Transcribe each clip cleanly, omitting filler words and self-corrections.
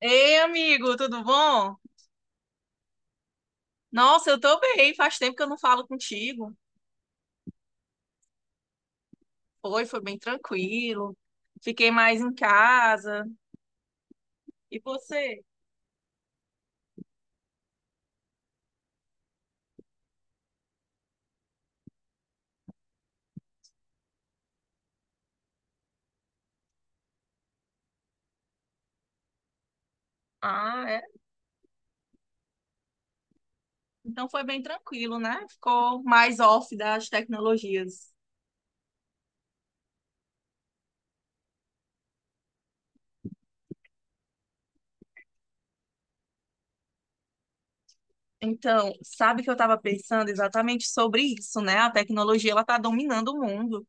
Ei, amigo, tudo bom? Nossa, eu tô bem. Faz tempo que eu não falo contigo. Foi bem tranquilo. Fiquei mais em casa. E você? Ah, é? Então foi bem tranquilo, né? Ficou mais off das tecnologias. Então, sabe que eu estava pensando exatamente sobre isso, né? A tecnologia, ela tá dominando o mundo.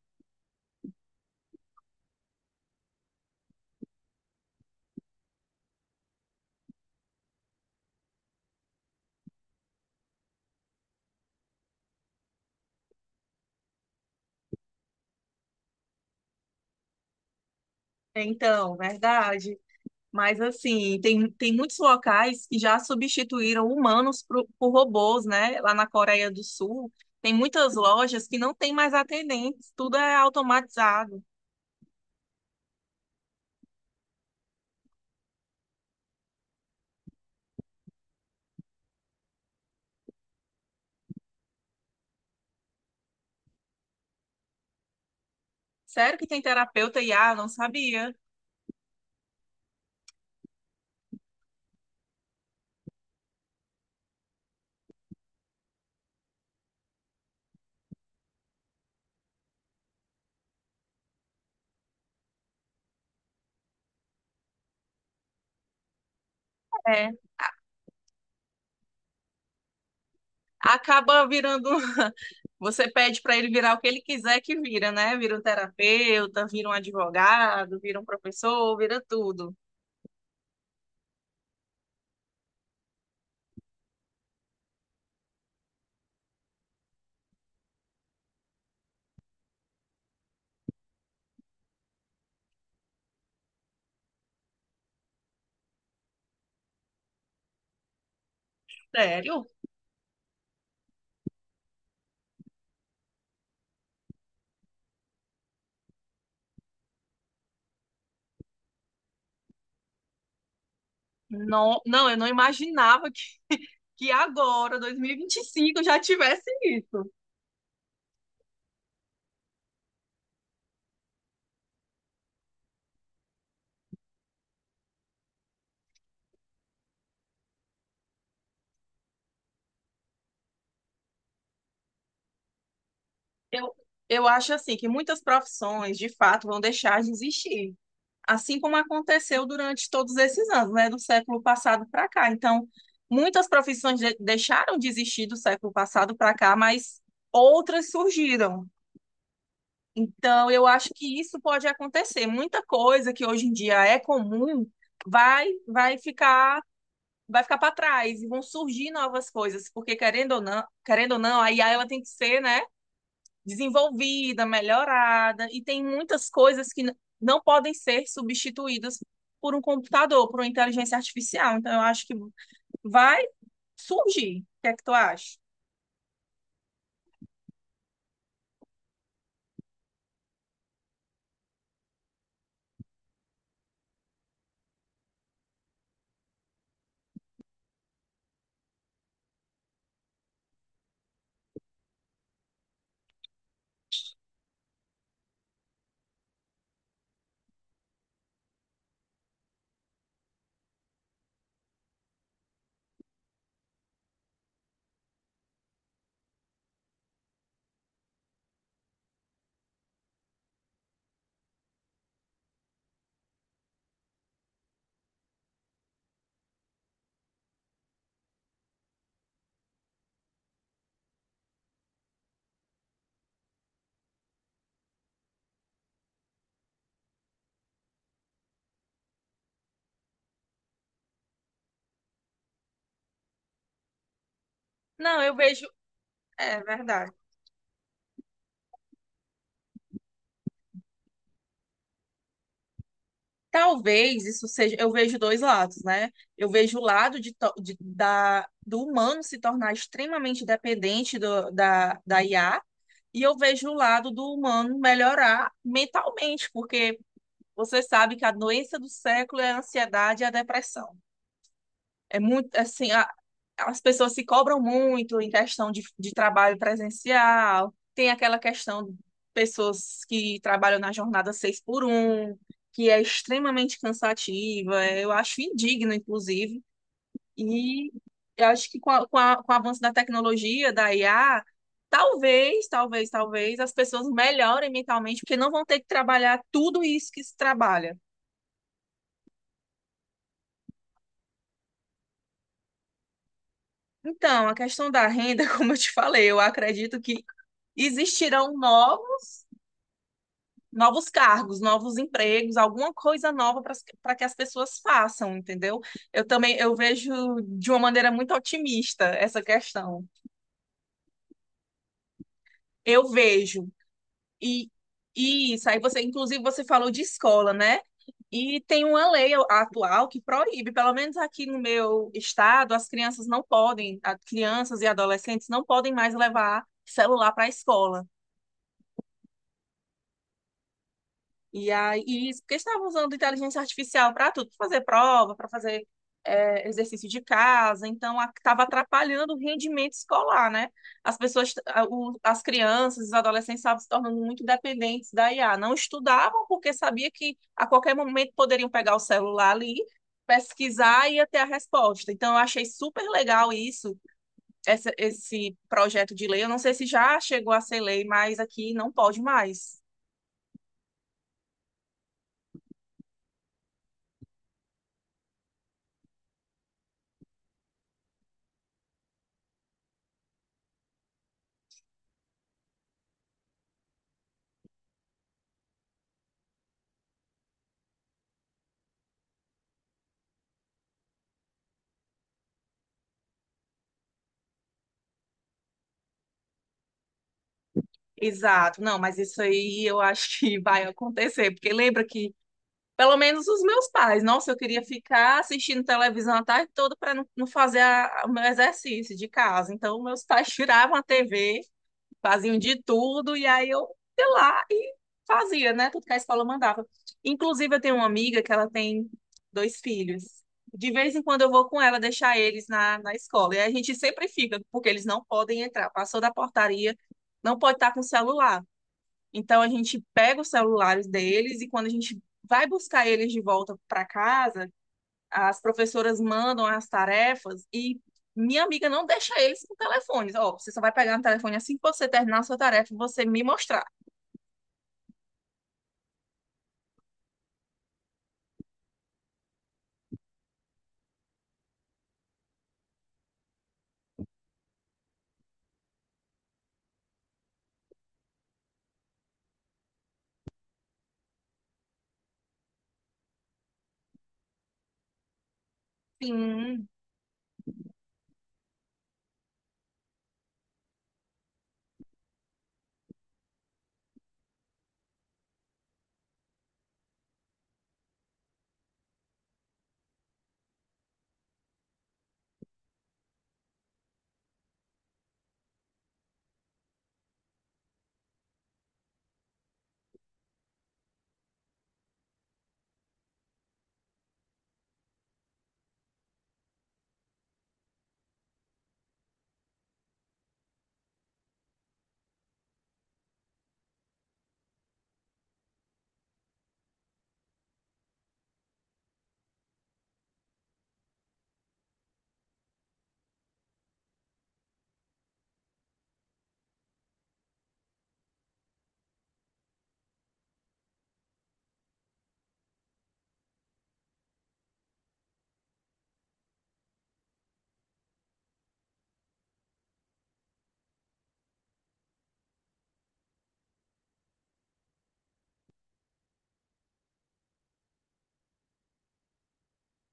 É, então, verdade. Mas assim, tem muitos locais que já substituíram humanos por robôs, né? Lá na Coreia do Sul, tem muitas lojas que não tem mais atendentes, tudo é automatizado. Sério que tem terapeuta IA? Não sabia. É. Acaba virando. Você pede para ele virar o que ele quiser que vira, né? Vira um terapeuta, vira um advogado, vira um professor, vira tudo. Sério? Não, não, eu não imaginava que agora, dois mil e vinte e cinco já tivesse isso. Eu, eu acho assim que muitas profissões, de fato, vão deixar de existir, assim como aconteceu durante todos esses anos, né, do século passado para cá. Então, muitas profissões deixaram de existir do século passado para cá, mas outras surgiram. Então, eu acho que isso pode acontecer. Muita coisa que hoje em dia é comum vai vai ficar vai ficar para trás e vão surgir novas coisas, porque querendo ou não, a IA ela tem que ser, né, desenvolvida, melhorada e tem muitas coisas que não podem ser substituídas por um computador, por uma inteligência artificial. Então eu acho que vai surgir. O que é que tu acha? Não, eu vejo, é verdade. Talvez isso seja, eu vejo dois lados, né? Eu vejo o lado de, do humano se tornar extremamente dependente da IA, e eu vejo o lado do humano melhorar mentalmente, porque você sabe que a doença do século é a ansiedade e a depressão. É muito assim, as pessoas se cobram muito em questão de trabalho presencial, tem aquela questão de pessoas que trabalham na jornada seis por um, que é extremamente cansativa, é, eu acho indigno, inclusive, e eu acho que com o avanço da tecnologia, da IA, talvez as pessoas melhorem mentalmente, porque não vão ter que trabalhar tudo isso que se trabalha. Então, a questão da renda, como eu te falei, eu acredito que existirão novos, novos cargos, novos empregos, alguma coisa nova para que as pessoas façam, entendeu? Eu também eu vejo de uma maneira muito otimista essa questão. Eu vejo e e isso aí você inclusive você falou de escola, né? E tem uma lei atual que proíbe, pelo menos aqui no meu estado, as crianças não podem, as crianças e adolescentes não podem mais levar celular para a escola. E aí, porque estavam usando inteligência artificial para tudo, para fazer prova, para fazer exercício de casa, então estava atrapalhando o rendimento escolar, né? As pessoas, as crianças, os adolescentes estavam se tornando muito dependentes da IA. Não estudavam porque sabia que a qualquer momento poderiam pegar o celular ali, pesquisar e ia ter a resposta. Então, eu achei super legal isso, esse projeto de lei. Eu não sei se já chegou a ser lei, mas aqui não pode mais. Exato, não, mas isso aí eu acho que vai acontecer, porque lembra que, pelo menos os meus pais, nossa, eu queria ficar assistindo televisão a tarde toda para não, não fazer o meu exercício de casa. Então, meus pais tiravam a TV, faziam de tudo, e aí eu ia lá e fazia, né? Tudo que a escola mandava. Inclusive, eu tenho uma amiga que ela tem dois filhos. De vez em quando eu vou com ela deixar eles na escola. E a gente sempre fica, porque eles não podem entrar. Passou da portaria, não pode estar com o celular. Então a gente pega os celulares deles e quando a gente vai buscar eles de volta para casa, as professoras mandam as tarefas e minha amiga não deixa eles com telefones. Ó, você só vai pegar no telefone assim que você terminar a sua tarefa e você me mostrar. Sim,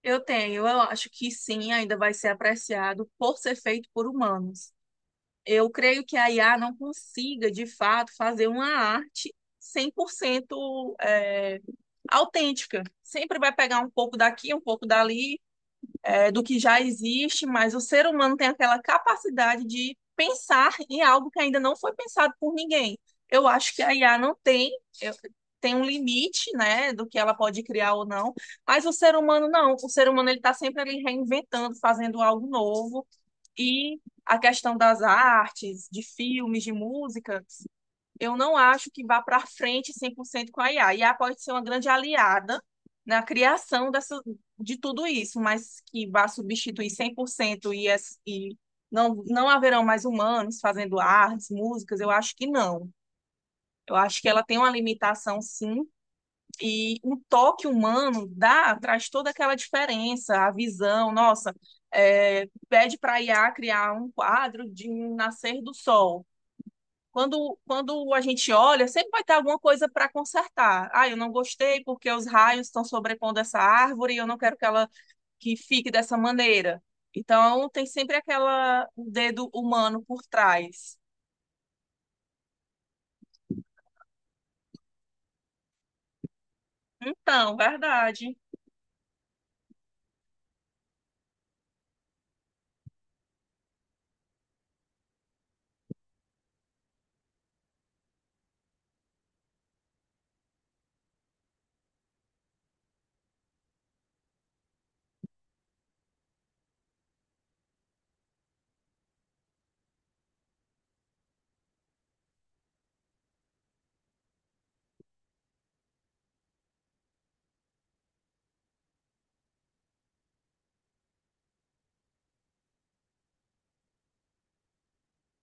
eu tenho. Eu acho que sim, ainda vai ser apreciado por ser feito por humanos. Eu creio que a IA não consiga, de fato, fazer uma arte 100% é, autêntica. Sempre vai pegar um pouco daqui, um pouco dali, é, do que já existe, mas o ser humano tem aquela capacidade de pensar em algo que ainda não foi pensado por ninguém. Eu acho que a IA não tem, eu- tem um limite, né, do que ela pode criar ou não, mas o ser humano não. O ser humano ele está sempre ali reinventando, fazendo algo novo e a questão das artes, de filmes, de música, eu não acho que vá para frente 100% com a IA. A IA pode ser uma grande aliada na criação dessa, de tudo isso, mas que vá substituir 100% e não, não haverão mais humanos fazendo artes, músicas, eu acho que não. Eu acho que ela tem uma limitação, sim, e o toque humano dá, traz toda aquela diferença, a visão, nossa, é, pede para a IA criar um quadro de um nascer do sol. Quando a gente olha, sempre vai ter alguma coisa para consertar. Ah, eu não gostei porque os raios estão sobrepondo essa árvore e eu não quero que ela que fique dessa maneira. Então, tem sempre aquela o dedo humano por trás. Então, verdade,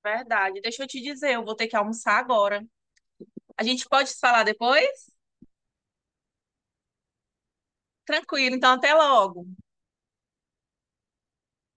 verdade. Deixa eu te dizer, eu vou ter que almoçar agora. A gente pode se falar depois? Tranquilo, então até logo.